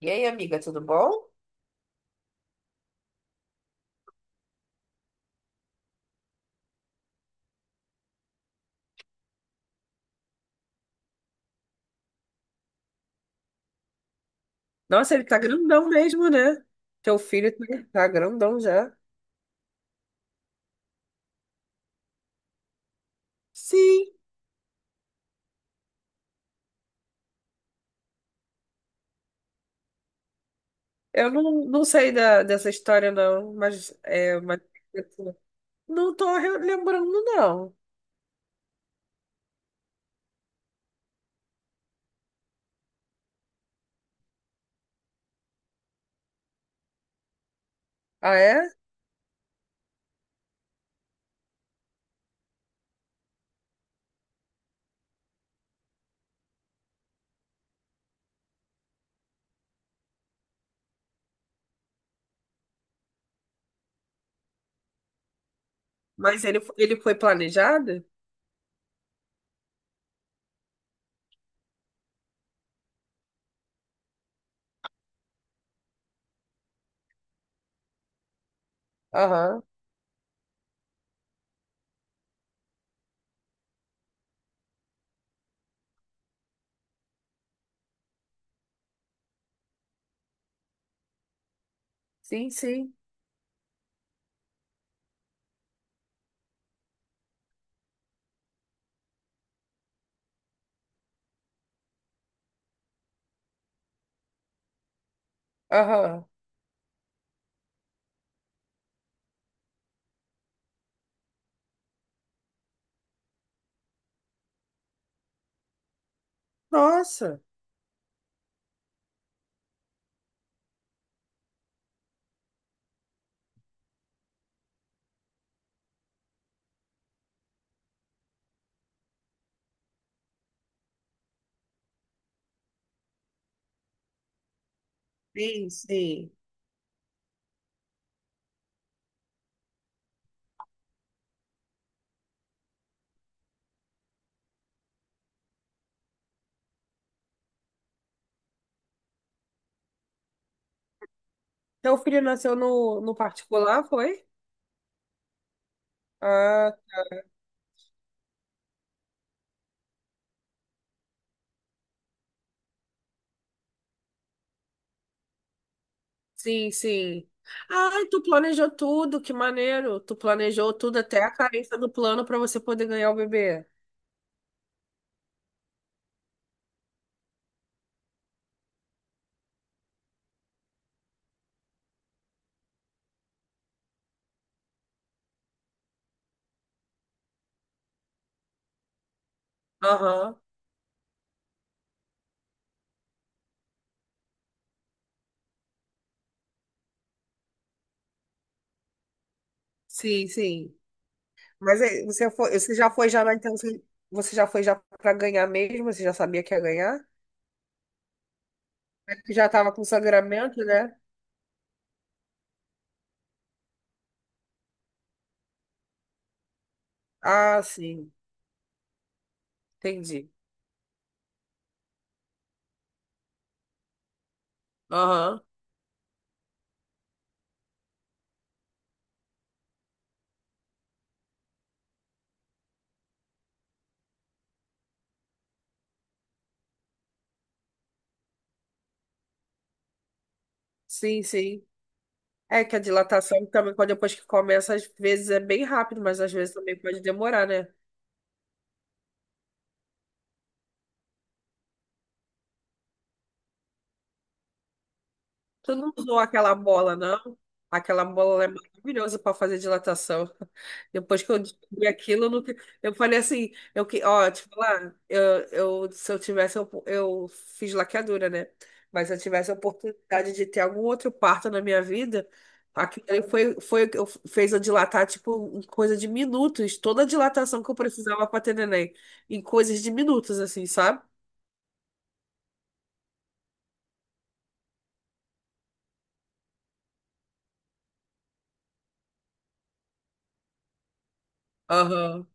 E aí, amiga, tudo bom? Nossa, ele tá grandão mesmo, né? Teu filho tá grandão já. Sim, eu não sei dessa história, não, mas Não tô lembrando, não. Ah, é? Mas ele, ele foi planejado? Aham. Sim, sim. Aham. Nossa, sim, sim. Teu filho nasceu no particular, foi? Ah, sim, sim. Ai, tu planejou tudo, que maneiro. Tu planejou tudo até a carência do plano para você poder ganhar o bebê. Aham. Sim, sim. Mas aí, você já foi já na intenção, você já foi já para ganhar mesmo? Você já sabia que ia ganhar? É que já tava com sangramento, né? Ah, sim. Entendi. Aham. Sim, sim. É que a dilatação também, quando depois que começa, às vezes é bem rápido, mas às vezes também pode demorar, né? Tu não usou aquela bola, não? Aquela bola ela é maravilhosa para fazer dilatação. Depois que eu descobri aquilo, eu, nunca- eu falei assim, ó, te falar, se eu tivesse, eu fiz laqueadura, né? Mas se eu tivesse a oportunidade de ter algum outro parto na minha vida, aquilo ali foi, foi o que eu, fez eu dilatar, tipo, em coisa de minutos, toda a dilatação que eu precisava para ter neném, em coisas de minutos, assim, sabe? Aham.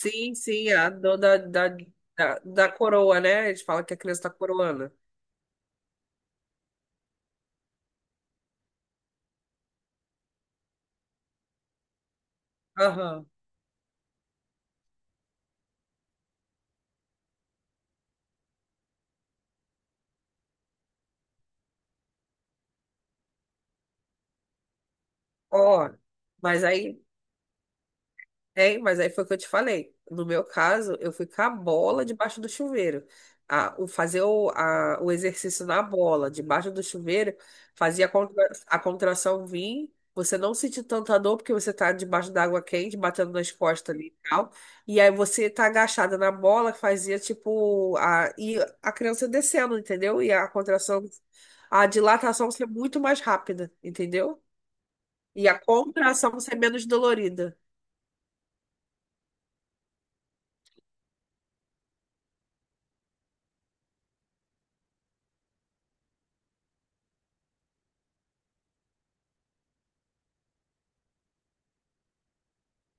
Sim, sim, a dor da coroa, né? Eles fala que a criança tá coroando. Aham. Ó, mas aí Tem, mas aí foi o que eu te falei. No meu caso, eu fui com a bola debaixo do chuveiro. Fazer o exercício na bola, debaixo do chuveiro, fazia a, a contração vir, você não sentir tanta dor, porque você tá debaixo da água quente, batendo nas costas ali e tal. E aí você tá agachada na bola, fazia tipo. E a criança descendo, entendeu? E a contração, a dilatação ser muito mais rápida, entendeu? E a contração ser menos dolorida.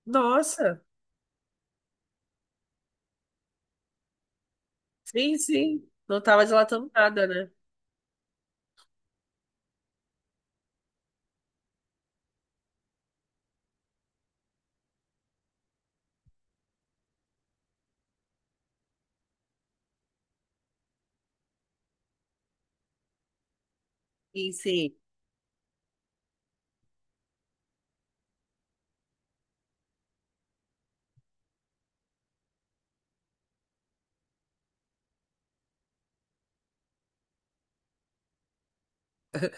Nossa! Sim, sim. Não tava dilatando nada, né? Sim, sim.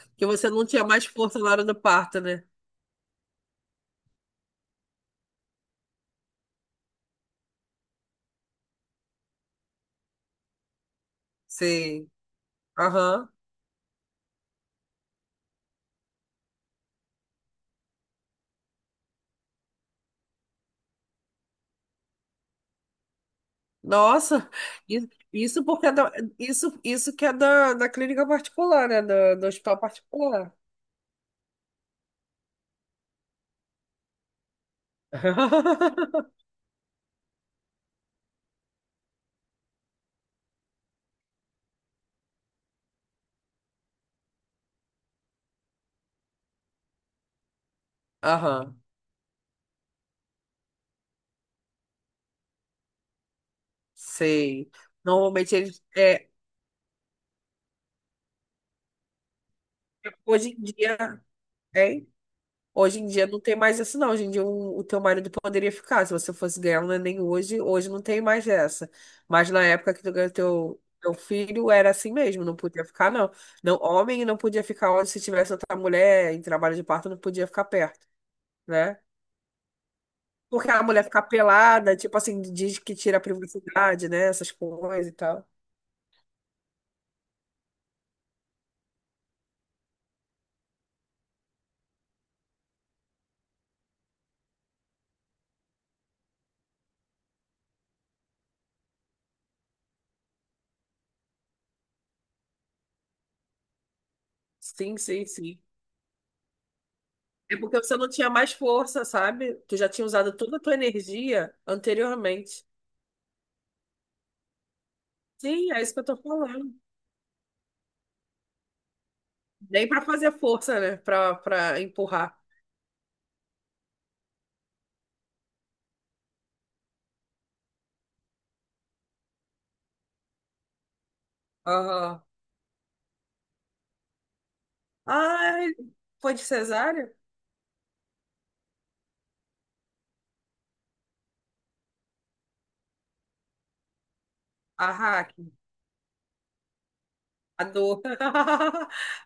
Porque você não tinha mais força na hora do parto, né? Sim. Aham. Nossa, isso porque isso, isso que é da clínica particular, né? Do hospital particular. Aham. Sei. Normalmente eles. É, hoje em dia. É. Hoje em dia não tem mais isso, não. Hoje em dia o teu marido poderia ficar. Se você fosse ganhar um neném hoje, hoje não tem mais essa. Mas na época que tu ganhou teu filho, era assim mesmo, não podia ficar, não. Não, homem não podia ficar onde se tivesse outra mulher em trabalho de parto, não podia ficar perto, né? Porque a mulher ficar pelada, tipo assim, diz que tira a privacidade, né? Essas coisas e tal. Sim, sim, sim. É porque você não tinha mais força, sabe? Tu já tinha usado toda a tua energia anteriormente. Sim, é isso que eu tô falando. Nem pra fazer força, né? Pra empurrar. Aham. Ai, foi de cesárea? A hack. A dor.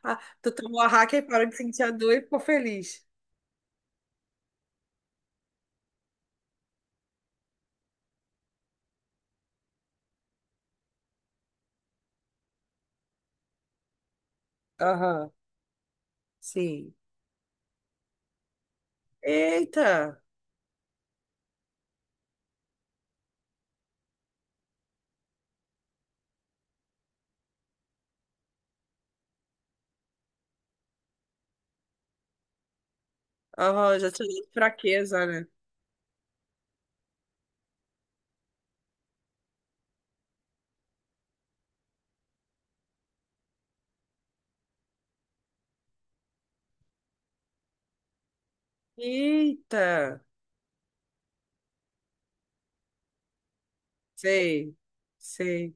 Ah, tu tomou a hack e parou de sentir a dor e ficou feliz. Aham. Sim. Eita. Aham, já tinha dado fraqueza, né? Eita. Sei. Sei.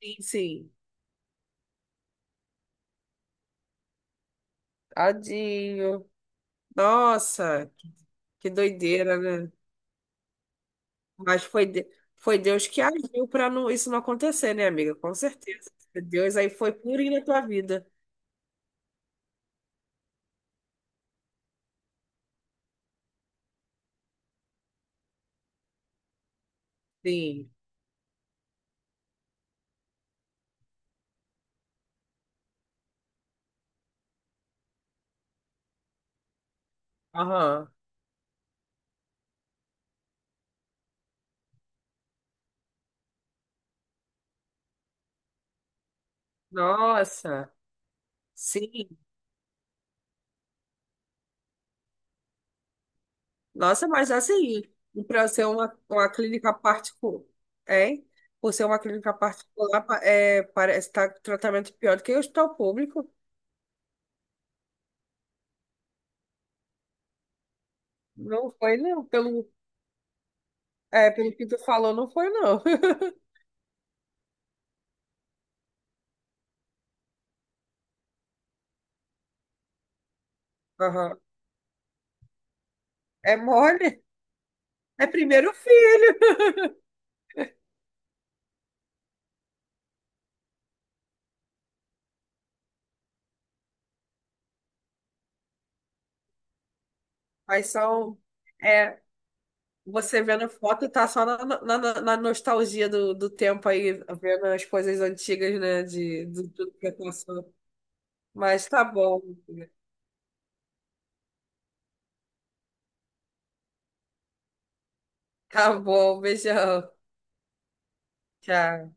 Sim, sim. Tadinho. Nossa, que doideira, né? Mas foi, de- foi Deus que agiu para não, isso não acontecer, né, amiga? Com certeza. Deus aí foi purinho na tua vida. Sim. Aham. Nossa. Sim. Nossa, mas assim, para ser uma clínica particular, hein? Por ser uma clínica particular, é, parece estar tratamento pior do que o hospital público. Não foi, não. É, pelo que tu falou, não foi, não. Aham. É mole. É primeiro filho. Mas são. É. Você vendo foto tá só na nostalgia do tempo aí, vendo as coisas antigas, né? De tudo que passou. Mas tá bom, amiga. Tá bom, beijão. Tchau.